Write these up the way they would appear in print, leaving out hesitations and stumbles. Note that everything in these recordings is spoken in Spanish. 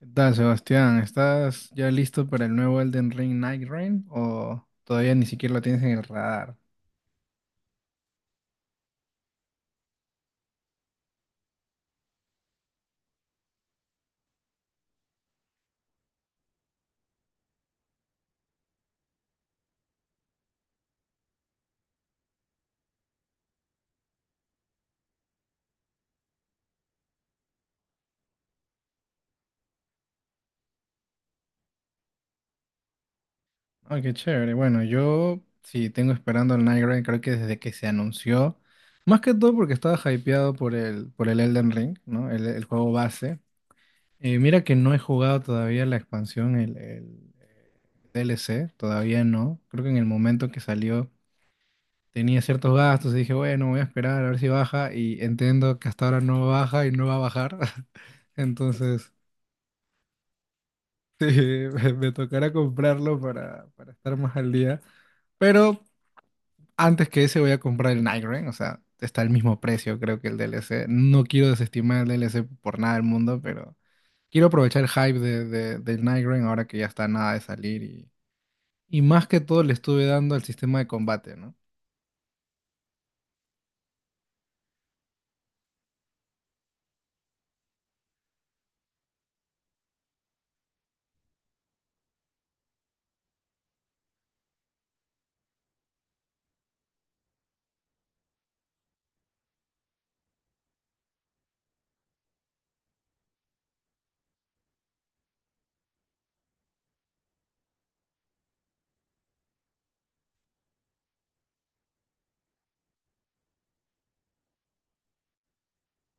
¿Qué tal, Sebastián? ¿Estás ya listo para el nuevo Elden Ring Night Rain o todavía ni siquiera lo tienes en el radar? Ay, qué chévere. Bueno, yo sí tengo esperando el Night Rain, creo que desde que se anunció, más que todo porque estaba hypeado por el Elden Ring, ¿no? El juego base. Mira que no he jugado todavía la expansión, el DLC, todavía no. Creo que en el momento que salió tenía ciertos gastos y dije, bueno, voy a esperar a ver si baja, y entiendo que hasta ahora no baja y no va a bajar. Entonces, sí, me tocará comprarlo para estar más al día. Pero antes que ese voy a comprar el Nightreign, o sea, está al mismo precio creo que el DLC. No quiero desestimar el DLC por nada del mundo, pero quiero aprovechar el hype del Nightreign ahora que ya está nada de salir, y más que todo le estuve dando al sistema de combate, ¿no?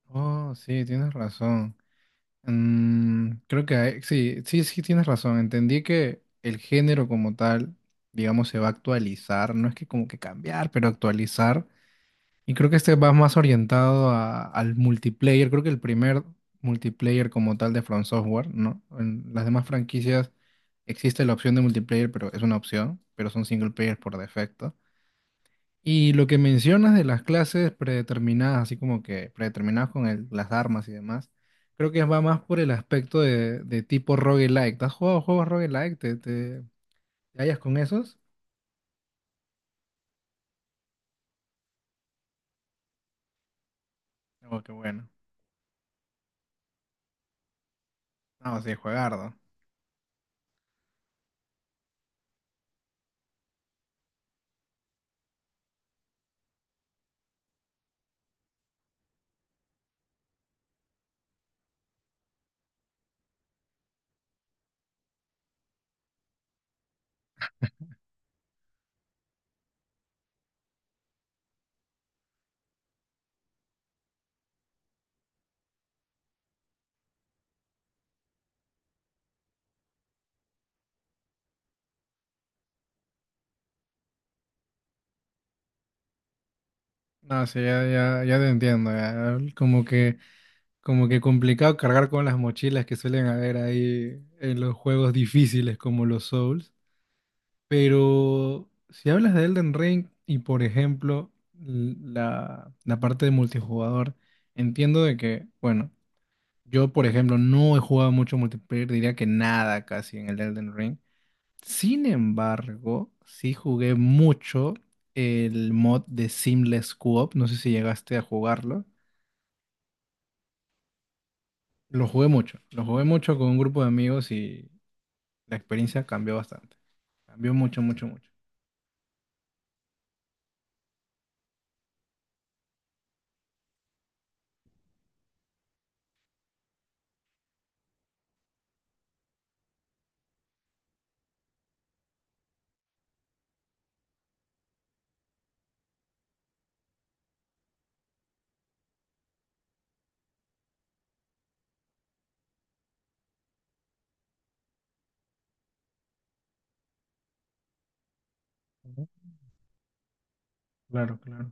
Oh, sí, tienes razón. Creo que sí, sí, sí, tienes razón. Entendí que el género como tal, digamos, se va a actualizar. No es que como que cambiar, pero actualizar. Y creo que este va más orientado al multiplayer. Creo que el primer multiplayer como tal de From Software, ¿no? En las demás franquicias existe la opción de multiplayer, pero es una opción, pero son single player por defecto. Y lo que mencionas de las clases predeterminadas, así como que predeterminadas con las armas y demás, creo que va más por el aspecto de tipo roguelike. ¿Te has jugado juegos roguelike? ¿Te hallas con esos? Oh, qué bueno. No, sí, juegardo. No, sí, ya, ya, ya te entiendo. Ya. Como que complicado cargar con las mochilas que suelen haber ahí en los juegos difíciles como los Souls. Pero si hablas de Elden Ring y por ejemplo la parte de multijugador, entiendo de que, bueno, yo por ejemplo no he jugado mucho multiplayer, diría que nada casi en el Elden Ring. Sin embargo, sí jugué mucho el mod de Seamless Co-op, no sé si llegaste a jugarlo. Lo jugué mucho con un grupo de amigos, y la experiencia cambió bastante. Cambió mucho, mucho, mucho. Ujú. Claro, claro.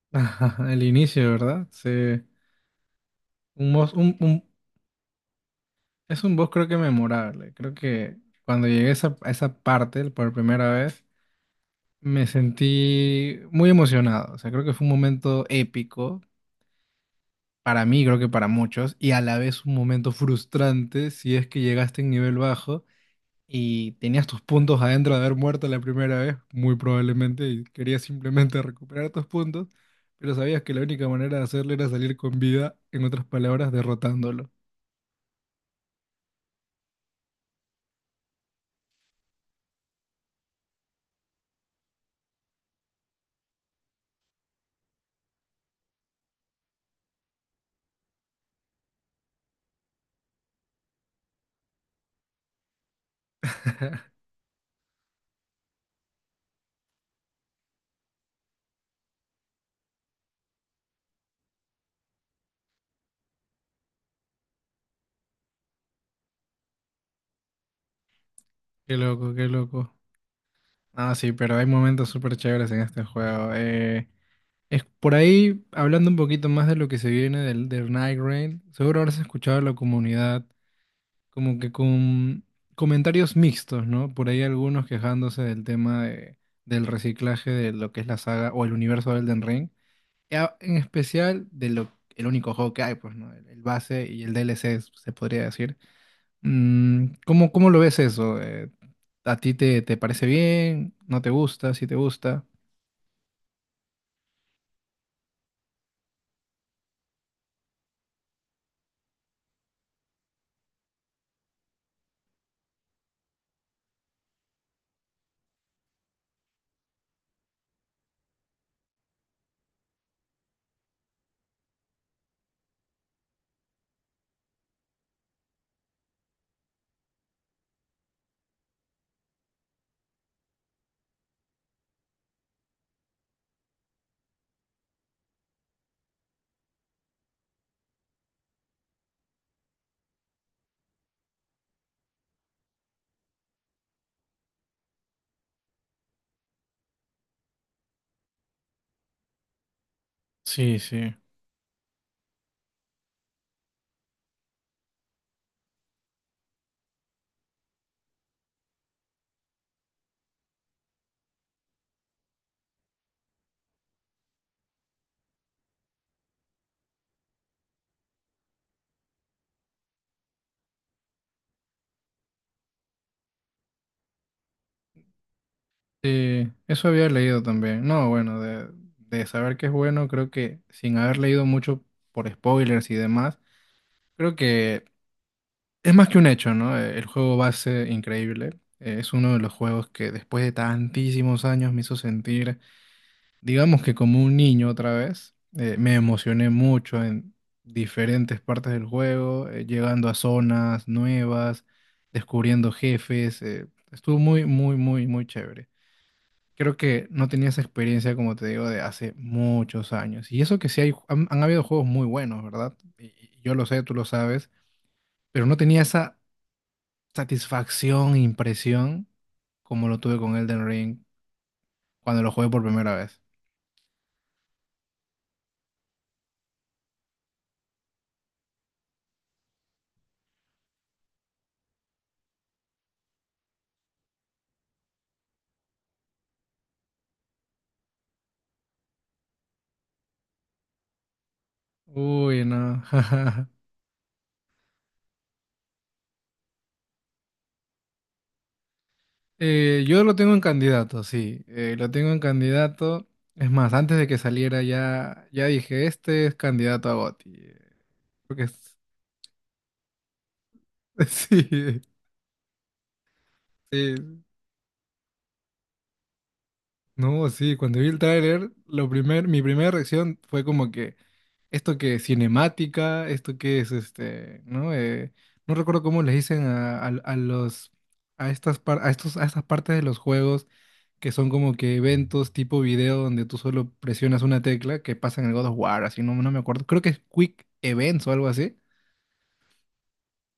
Ajá, el inicio, ¿verdad? Sí. Un boss, es un boss creo que memorable. Creo que cuando llegué a esa parte por primera vez, me sentí muy emocionado. O sea, creo que fue un momento épico para mí, creo que para muchos, y a la vez un momento frustrante si es que llegaste en nivel bajo y tenías tus puntos adentro de haber muerto la primera vez, muy probablemente, y querías simplemente recuperar tus puntos, pero sabías que la única manera de hacerlo era salir con vida, en otras palabras, derrotándolo. Qué loco, qué loco. Ah, sí, pero hay momentos súper chéveres en este juego. Es por ahí, hablando un poquito más de lo que se viene del Night Rain, seguro habrás escuchado a la comunidad como que con comentarios mixtos, ¿no? Por ahí algunos quejándose del tema del reciclaje de lo que es la saga o el universo de Elden Ring, y en especial de lo, el único juego que hay, pues, ¿no? El base y el DLC, se podría decir. Cómo lo ves eso? ¿A ti te parece bien? ¿No te gusta? ¿Si te gusta? Sí, sí. Sí, eso había leído también. No, bueno, de saber que es bueno, creo que sin haber leído mucho por spoilers y demás, creo que es más que un hecho, ¿no? El juego va a ser increíble. Es uno de los juegos que después de tantísimos años me hizo sentir. Digamos que como un niño otra vez, me emocioné mucho en diferentes partes del juego, llegando a zonas nuevas, descubriendo jefes. Estuvo muy, muy, muy, muy chévere. Creo que no tenía esa experiencia, como te digo, de hace muchos años. Y eso que sí hay, han habido juegos muy buenos, ¿verdad? Y yo lo sé, tú lo sabes, pero no tenía esa satisfacción, impresión, como lo tuve con Elden Ring cuando lo jugué por primera vez. Uy, no. Yo lo tengo en candidato, sí, lo tengo en candidato. Es más, antes de que saliera ya dije, este es candidato a GOTY. Porque es- sí, sí, no, sí, cuando vi el tráiler, mi primera reacción fue como que, esto que es cinemática, esto que es este, ¿no? No recuerdo cómo les dicen a los a estas par- a estos a estas partes de los juegos, que son como que eventos tipo video donde tú solo presionas una tecla, que pasa en el God of War, así, no, no me acuerdo. Creo que es Quick Events o algo así.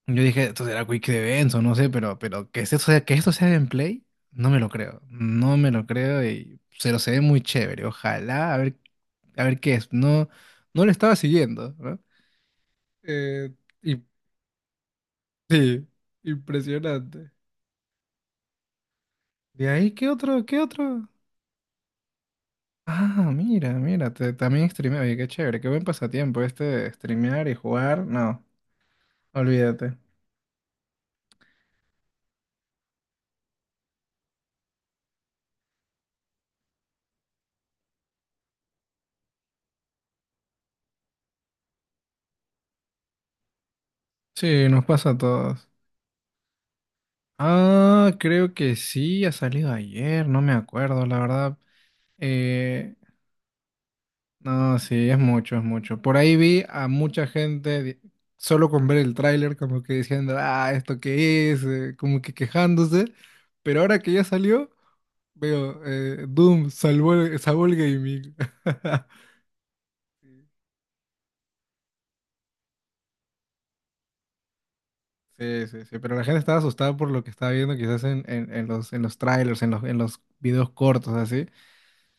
Yo dije, esto será Quick Events o no sé, pero que esto sea gameplay, no me lo creo. No me lo creo y se ve muy chévere. Ojalá a ver qué es. No, no lo estaba siguiendo, ¿no? Eh, y, sí, impresionante. De ahí, ¿qué otro? ¿Qué otro? Ah, mira, mira, también streameo. Oye, qué chévere, qué buen pasatiempo este de streamear y jugar. No, olvídate. Sí, nos pasa a todos. Ah, creo que sí, ha salido ayer, no me acuerdo, la verdad. Eh, No, sí, es mucho, es mucho. Por ahí vi a mucha gente solo con ver el tráiler como que diciendo, ah, ¿esto qué es? Como que quejándose. Pero ahora que ya salió, veo, Doom salvó, salvó el gaming. Sí, sí, sí, pero la gente estaba asustada por lo que estaba viendo quizás en los trailers, en los videos cortos, así,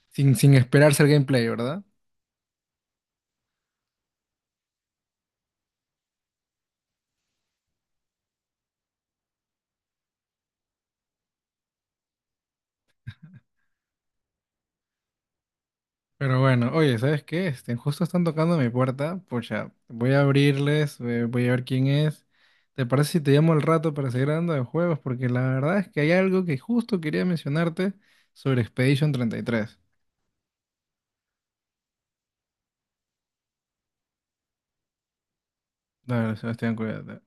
sin esperarse el gameplay, ¿verdad? Pero bueno, oye, ¿sabes qué? Justo están tocando mi puerta. Pucha, voy a abrirles, voy a ver quién es. ¿Te parece si te llamo al rato para seguir hablando de juegos? Porque la verdad es que hay algo que justo quería mencionarte sobre Expedition 33. Dale, Sebastián, cuídate.